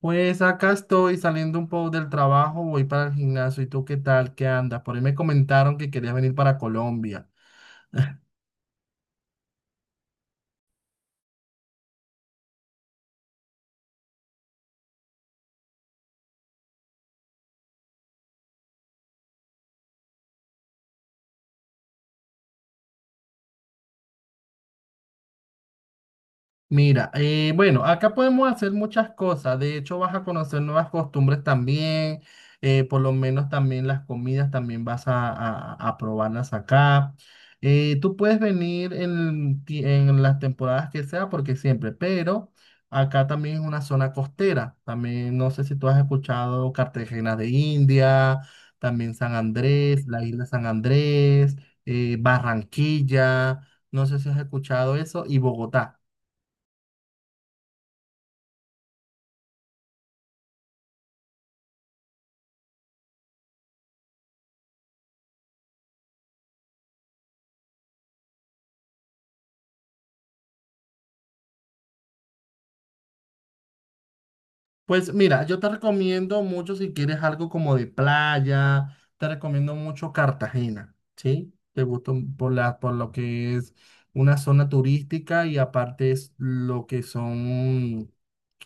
Pues acá estoy saliendo un poco del trabajo, voy para el gimnasio. ¿Y tú qué tal? ¿Qué andas? Por ahí me comentaron que querías venir para Colombia. Mira, bueno, acá podemos hacer muchas cosas. De hecho, vas a conocer nuevas costumbres también. Por lo menos también las comidas también vas a, a probarlas acá. Tú puedes venir en, en las temporadas que sea, porque siempre, pero acá también es una zona costera. También no sé si tú has escuchado Cartagena de India, también San Andrés, la isla San Andrés, Barranquilla. No sé si has escuchado eso y Bogotá. Pues mira, yo te recomiendo mucho si quieres algo como de playa, te recomiendo mucho Cartagena, ¿sí? Te gusta por lo que es una zona turística y aparte es lo que son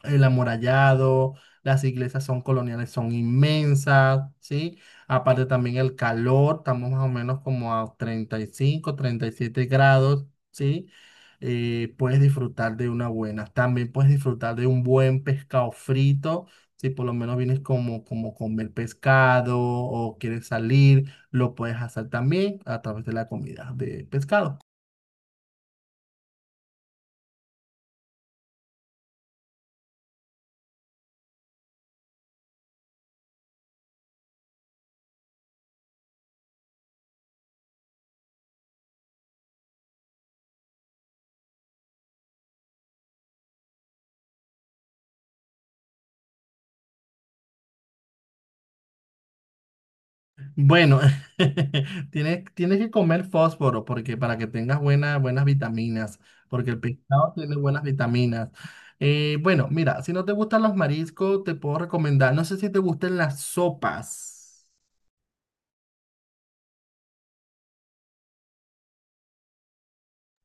el amurallado, las iglesias son coloniales, son inmensas, ¿sí? Aparte también el calor, estamos más o menos como a 30 35, 37 grados, ¿sí? Puedes disfrutar de una buena, también puedes disfrutar de un buen pescado frito. Si por lo menos vienes como comer pescado o quieres salir, lo puedes hacer también a través de la comida de pescado. Bueno, tienes que comer fósforo porque para que tengas buenas vitaminas, porque el pescado tiene buenas vitaminas. Bueno, mira, si no te gustan los mariscos, te puedo recomendar, no sé si te gustan las sopas.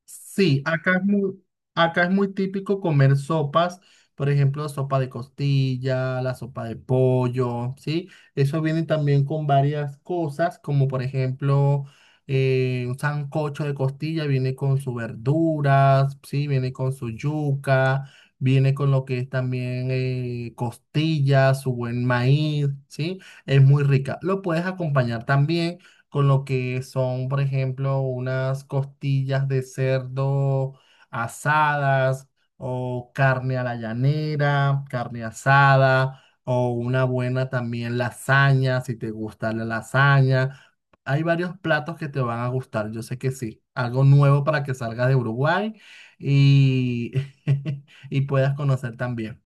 Sí, acá es muy típico comer sopas, por ejemplo, sopa de costilla, la sopa de pollo, ¿sí? Eso viene también con varias cosas, como por ejemplo, un sancocho de costilla viene con sus verduras, ¿sí? Viene con su yuca, viene con lo que es también costilla, su buen maíz, ¿sí? Es muy rica. Lo puedes acompañar también con lo que son, por ejemplo, unas costillas de cerdo asadas o carne a la llanera, carne asada o una buena también lasaña, si te gusta la lasaña. Hay varios platos que te van a gustar, yo sé que sí. Algo nuevo para que salgas de Uruguay y, y puedas conocer también.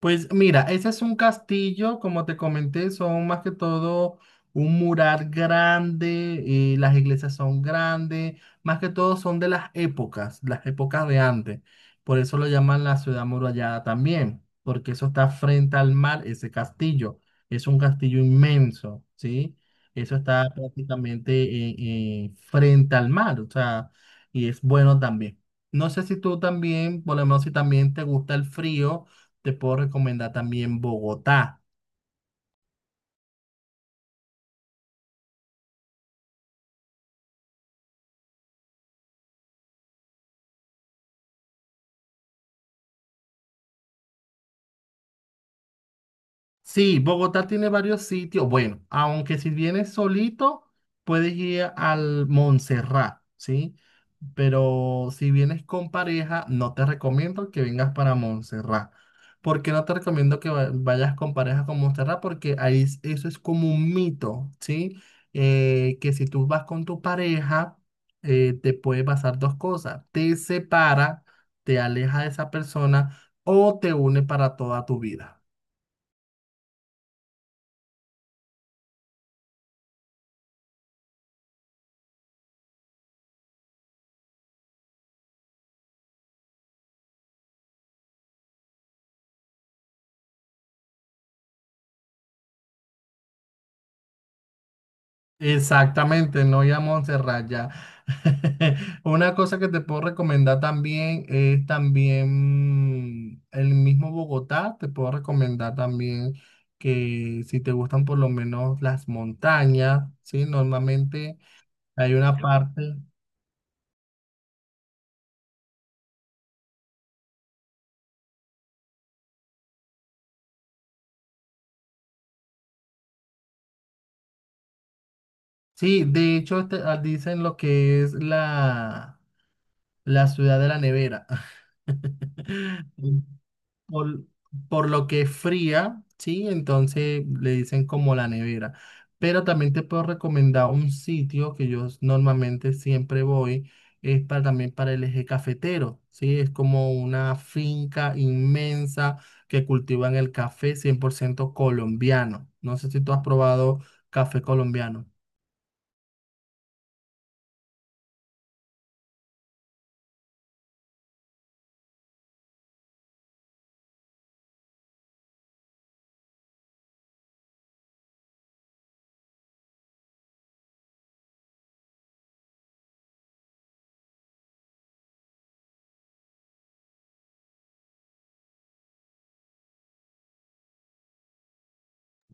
Pues mira, ese es un castillo, como te comenté, son más que todo un mural grande, las iglesias son grandes, más que todo son de las épocas de antes. Por eso lo llaman la ciudad murallada también, porque eso está frente al mar, ese castillo. Es un castillo inmenso, ¿sí? Eso está prácticamente frente al mar, o sea, y es bueno también. No sé si tú también, por lo menos si también te gusta el frío. Te puedo recomendar también Bogotá. Sí, Bogotá tiene varios sitios. Bueno, aunque si vienes solito, puedes ir al Montserrat, ¿sí? Pero si vienes con pareja, no te recomiendo que vengas para Montserrat. ¿Por qué no te recomiendo que vayas con pareja con Montserrat? Porque ahí eso es como un mito, ¿sí? Que si tú vas con tu pareja, te puede pasar dos cosas. Te separa, te aleja de esa persona o te une para toda tu vida. Exactamente, no ir a Montserrat ya. Una cosa que te puedo recomendar también es también el mismo Bogotá, te puedo recomendar también que si te gustan por lo menos las montañas, ¿sí? Normalmente hay una parte, sí, de hecho dicen lo que es la ciudad de la nevera. por, por lo que es fría, ¿sí? Entonces le dicen como la nevera. Pero también te puedo recomendar un sitio que yo normalmente siempre voy, es para, también para el eje cafetero, ¿sí? Es como una finca inmensa que cultivan el café 100% colombiano. No sé si tú has probado café colombiano.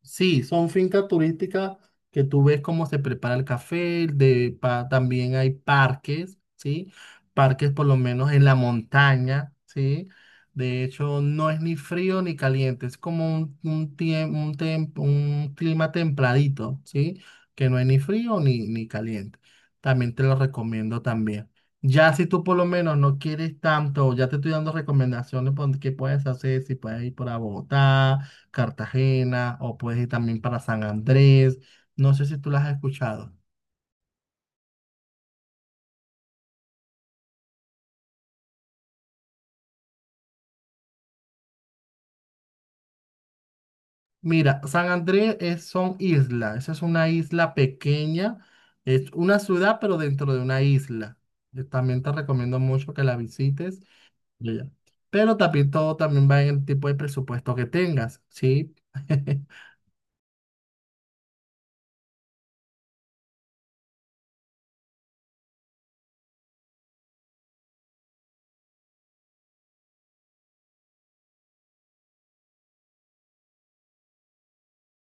Sí, son fincas turísticas que tú ves cómo se prepara el café, también hay parques, ¿sí? Parques por lo menos en la montaña, ¿sí? De hecho, no es ni frío ni caliente, es como un clima templadito, ¿sí? Que no es ni frío ni, ni caliente. También te lo recomiendo también. Ya si tú por lo menos no quieres tanto, ya te estoy dando recomendaciones por qué puedes hacer, si puedes ir por a Bogotá Cartagena o puedes ir también para San Andrés. No sé si tú las has escuchado. Mira, San Andrés son islas. Esa es una isla pequeña. Es una ciudad, pero dentro de una isla. También te recomiendo mucho que la visites. Ya. Pero también todo también va en el tipo de presupuesto que tengas, ¿sí?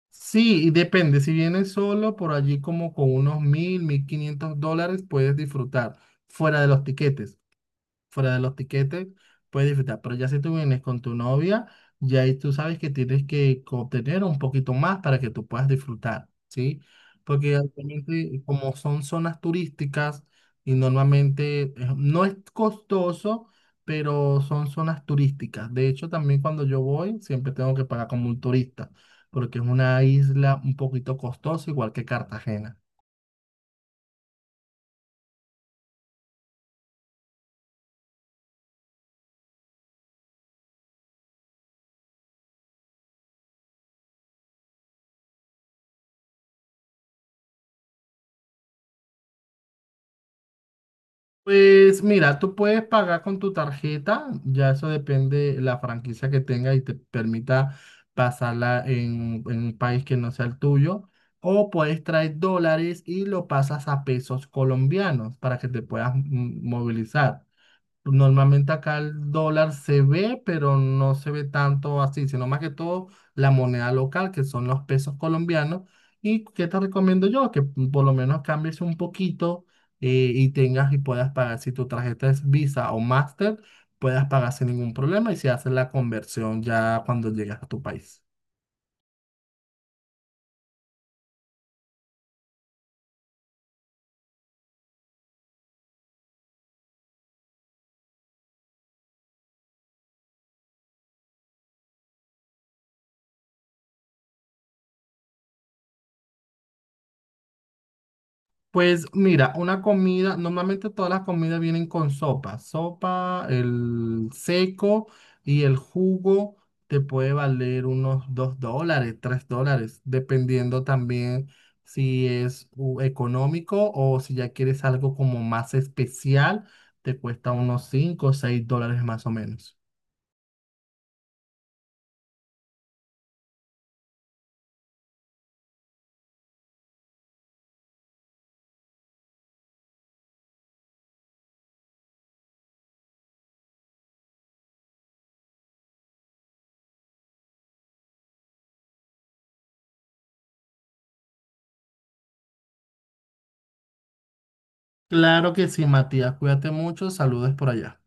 Sí, y depende. Si vienes solo por allí como con unos 1.000, $1.500, puedes disfrutar fuera de los tiquetes. Fuera de los tiquetes, puedes disfrutar. Pero ya si tú vienes con tu novia, ya ahí tú sabes que tienes que obtener un poquito más para que tú puedas disfrutar, ¿sí? Porque actualmente, como son zonas turísticas y normalmente no es costoso, pero son zonas turísticas. De hecho, también cuando yo voy, siempre tengo que pagar como un turista, porque es una isla un poquito costosa, igual que Cartagena. Pues mira, tú puedes pagar con tu tarjeta, ya eso depende de la franquicia que tenga y te permita pasarla en un país que no sea el tuyo, o puedes traer dólares y lo pasas a pesos colombianos para que te puedas movilizar. Normalmente acá el dólar se ve, pero no se ve tanto así, sino más que todo la moneda local, que son los pesos colombianos. ¿Y qué te recomiendo yo? Que por lo menos cambies un poquito y tengas y puedas pagar. Si tu tarjeta es Visa o Master, puedas pagar sin ningún problema y se hace la conversión ya cuando llegas a tu país. Pues mira, una comida, normalmente todas las comidas vienen con sopa. Sopa, el seco y el jugo te puede valer unos $2, $3, dependiendo también si es económico o si ya quieres algo como más especial, te cuesta unos $5 o $6 más o menos. Claro que sí, Matías, cuídate mucho, saludos por allá.